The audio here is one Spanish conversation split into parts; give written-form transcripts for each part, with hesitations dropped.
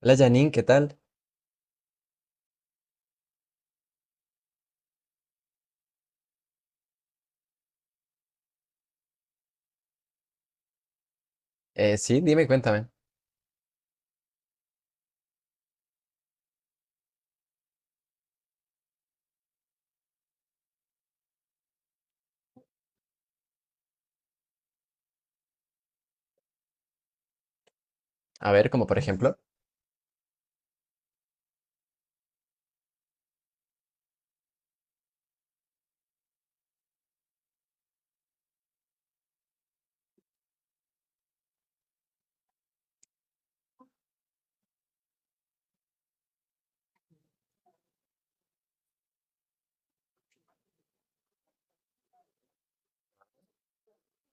Hola Janine, ¿qué tal? Sí, dime, cuéntame. A ver, ¿como por ejemplo?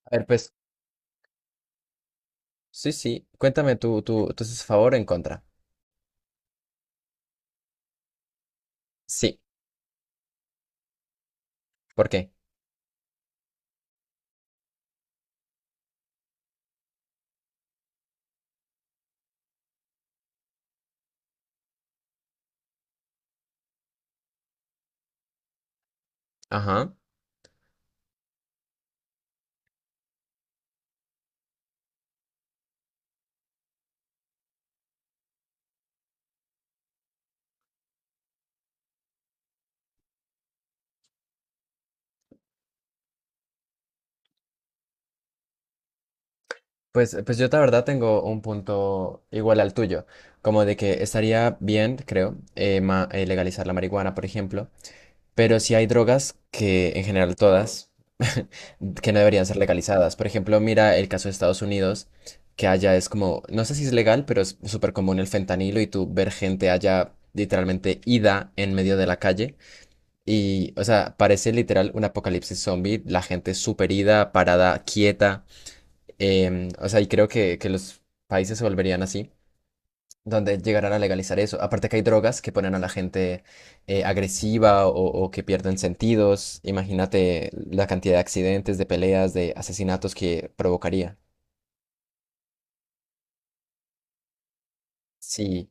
A ver, pues, sí, sí, cuéntame Tú, estás favor o en contra. Sí, ¿por qué? Ajá. Pues, yo la verdad tengo un punto igual al tuyo, como de que estaría bien, creo, legalizar la marihuana, por ejemplo. Pero sí hay drogas que, en general todas, que no deberían ser legalizadas. Por ejemplo, mira el caso de Estados Unidos, que allá es como, no sé si es legal, pero es súper común el fentanilo y tú ver gente allá literalmente ida en medio de la calle. Y, o sea, parece literal un apocalipsis zombie, la gente súper ida, parada, quieta. O sea, y creo que los países se volverían así donde llegarán a legalizar eso. Aparte que hay drogas que ponen a la gente agresiva o que pierden sentidos. Imagínate la cantidad de accidentes, de peleas, de asesinatos que provocaría. Sí,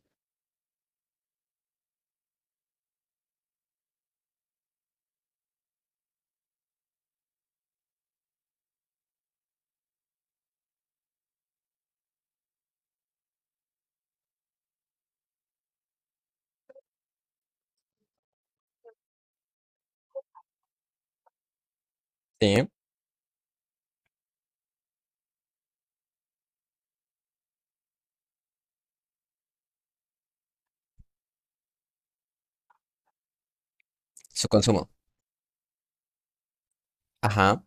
sí, su consumo. Ajá,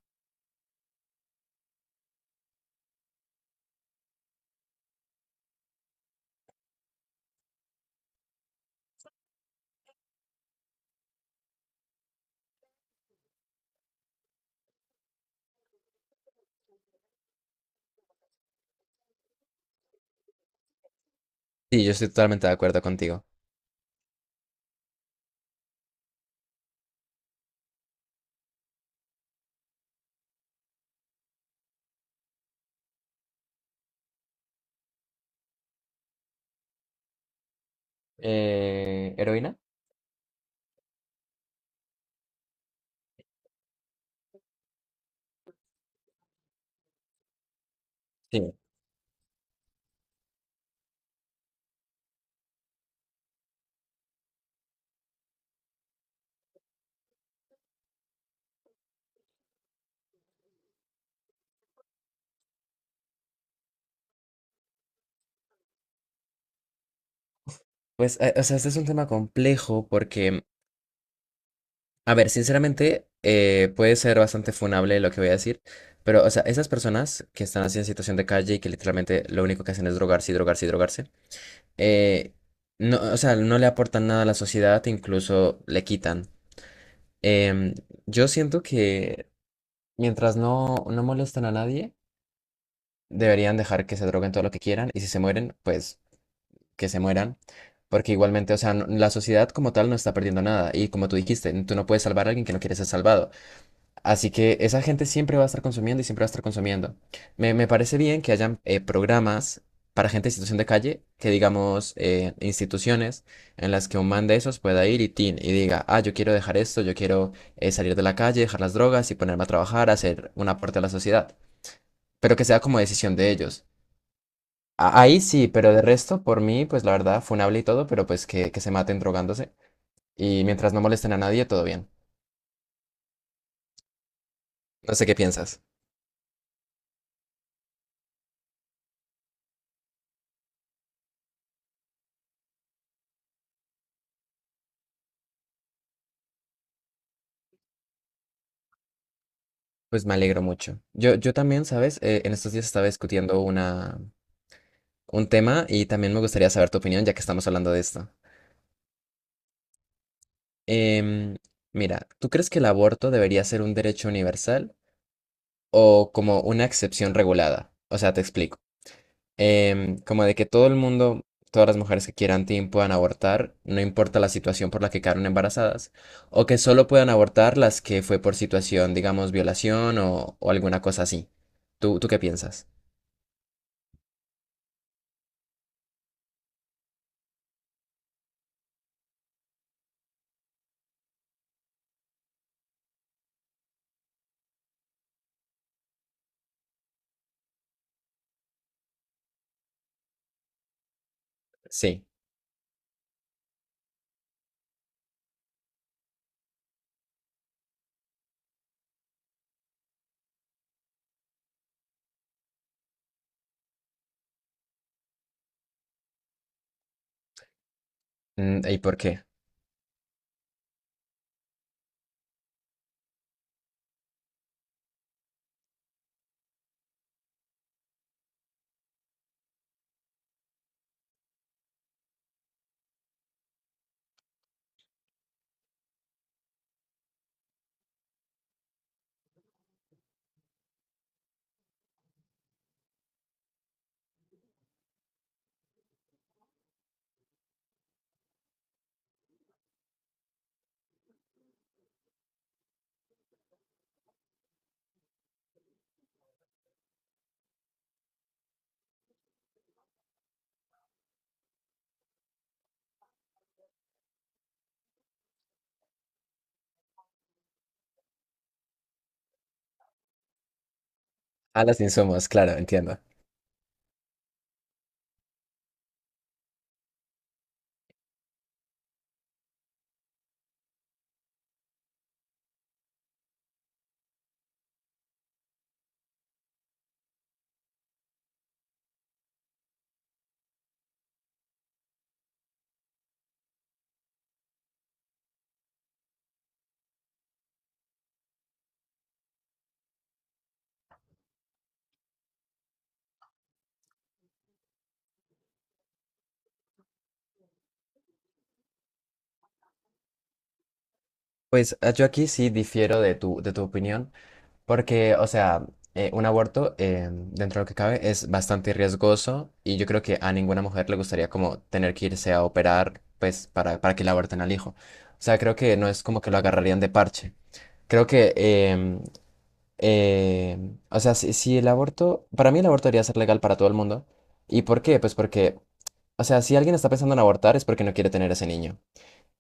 sí, yo estoy totalmente de acuerdo contigo. ¿Heroína? Sí. Pues, o sea, este es un tema complejo porque, a ver, sinceramente, puede ser bastante funable lo que voy a decir, pero, o sea, esas personas que están así en situación de calle y que literalmente lo único que hacen es drogarse y drogarse y drogarse, eh, no, o sea, no le aportan nada a la sociedad, incluso le quitan. Em, yo siento que mientras no, no molestan a nadie, deberían dejar que se droguen todo lo que quieran y si se mueren, pues que se mueran. Porque igualmente, o sea, la sociedad como tal no está perdiendo nada. Y como tú dijiste, tú no puedes salvar a alguien que no quiere ser salvado. Así que esa gente siempre va a estar consumiendo y siempre va a estar consumiendo. Me parece bien que hayan programas para gente en situación de calle, que digamos instituciones en las que un man de esos pueda ir y, tin, y diga, ah, yo quiero dejar esto, yo quiero salir de la calle, dejar las drogas y ponerme a trabajar, hacer un aporte a la sociedad, pero que sea como decisión de ellos. Ahí sí, pero de resto, por mí, pues la verdad, funable y todo, pero pues que se maten drogándose y mientras no molesten a nadie, todo bien. No sé qué piensas. Pues me alegro mucho. Yo también, ¿sabes? En estos días estaba discutiendo un tema y también me gustaría saber tu opinión ya que estamos hablando de esto. Em, Mira, ¿tú crees que el aborto debería ser un derecho universal o como una excepción regulada? O sea, te explico. Como de que todo el mundo, todas las mujeres que quieran puedan abortar, no importa la situación por la que quedaron embarazadas, o que solo puedan abortar las que fue por situación, digamos, violación o alguna cosa así. ¿Tú qué piensas? Sí. ¿Y por qué? A las insumos, claro, entiendo. Pues yo aquí sí difiero de tu opinión, porque, o sea, un aborto, dentro de lo que cabe, es bastante riesgoso y yo creo que a ninguna mujer le gustaría como tener que irse a operar, pues, para que le aborten al hijo. O sea, creo que no es como que lo agarrarían de parche. Creo que, o sea, si el aborto, para mí el aborto debería ser legal para todo el mundo. ¿Y por qué? Pues porque, o sea, si alguien está pensando en abortar es porque no quiere tener ese niño.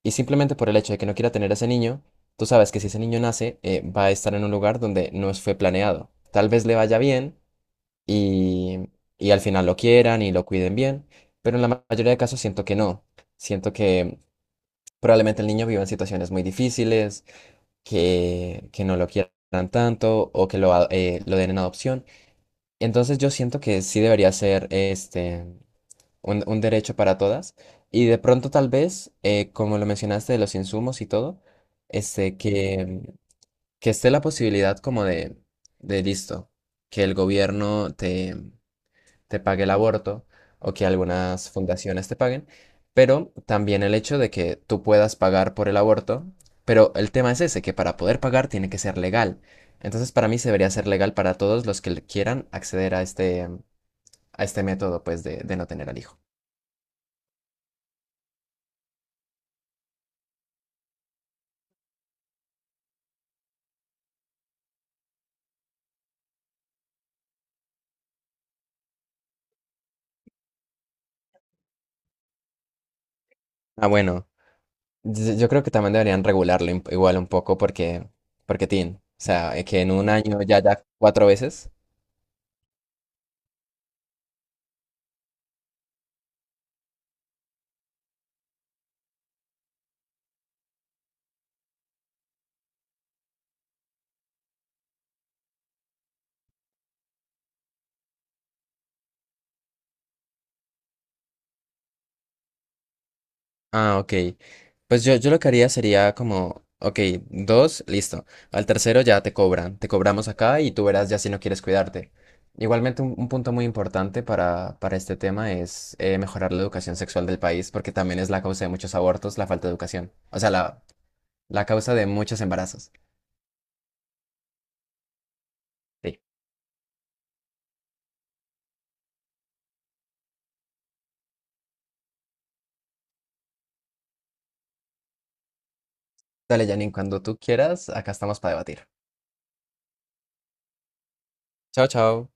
Y simplemente por el hecho de que no quiera tener a ese niño, tú sabes que si ese niño nace, va a estar en un lugar donde no fue planeado. Tal vez le vaya bien y, y al final lo quieran y lo cuiden bien, pero en la mayoría de casos siento que no. Siento que probablemente el niño viva en situaciones muy difíciles, que no lo quieran tanto o que lo den en adopción. Entonces yo siento que sí debería ser este un derecho para todas. Y de pronto tal vez, como lo mencionaste de los insumos y todo, este, que esté la posibilidad como de listo, que el gobierno te, te pague el aborto o que algunas fundaciones te paguen, pero también el hecho de que tú puedas pagar por el aborto, pero el tema es ese, que para poder pagar tiene que ser legal. Entonces para mí se debería ser legal para todos los que quieran acceder a este método pues de no tener al hijo. Ah, bueno. Yo creo que también deberían regularlo igual un poco porque, porque o sea, que en un año ya cuatro veces. Ah, ok. Pues yo lo que haría sería como, ok, dos, listo. Al tercero ya te cobran, te cobramos acá y tú verás ya si no quieres cuidarte. Igualmente un punto muy importante para este tema es mejorar la educación sexual del país porque también es la causa de muchos abortos, la falta de educación. O sea, la causa de muchos embarazos. Sí. Dale, Janine, cuando tú quieras, acá estamos para debatir. Chao, chao.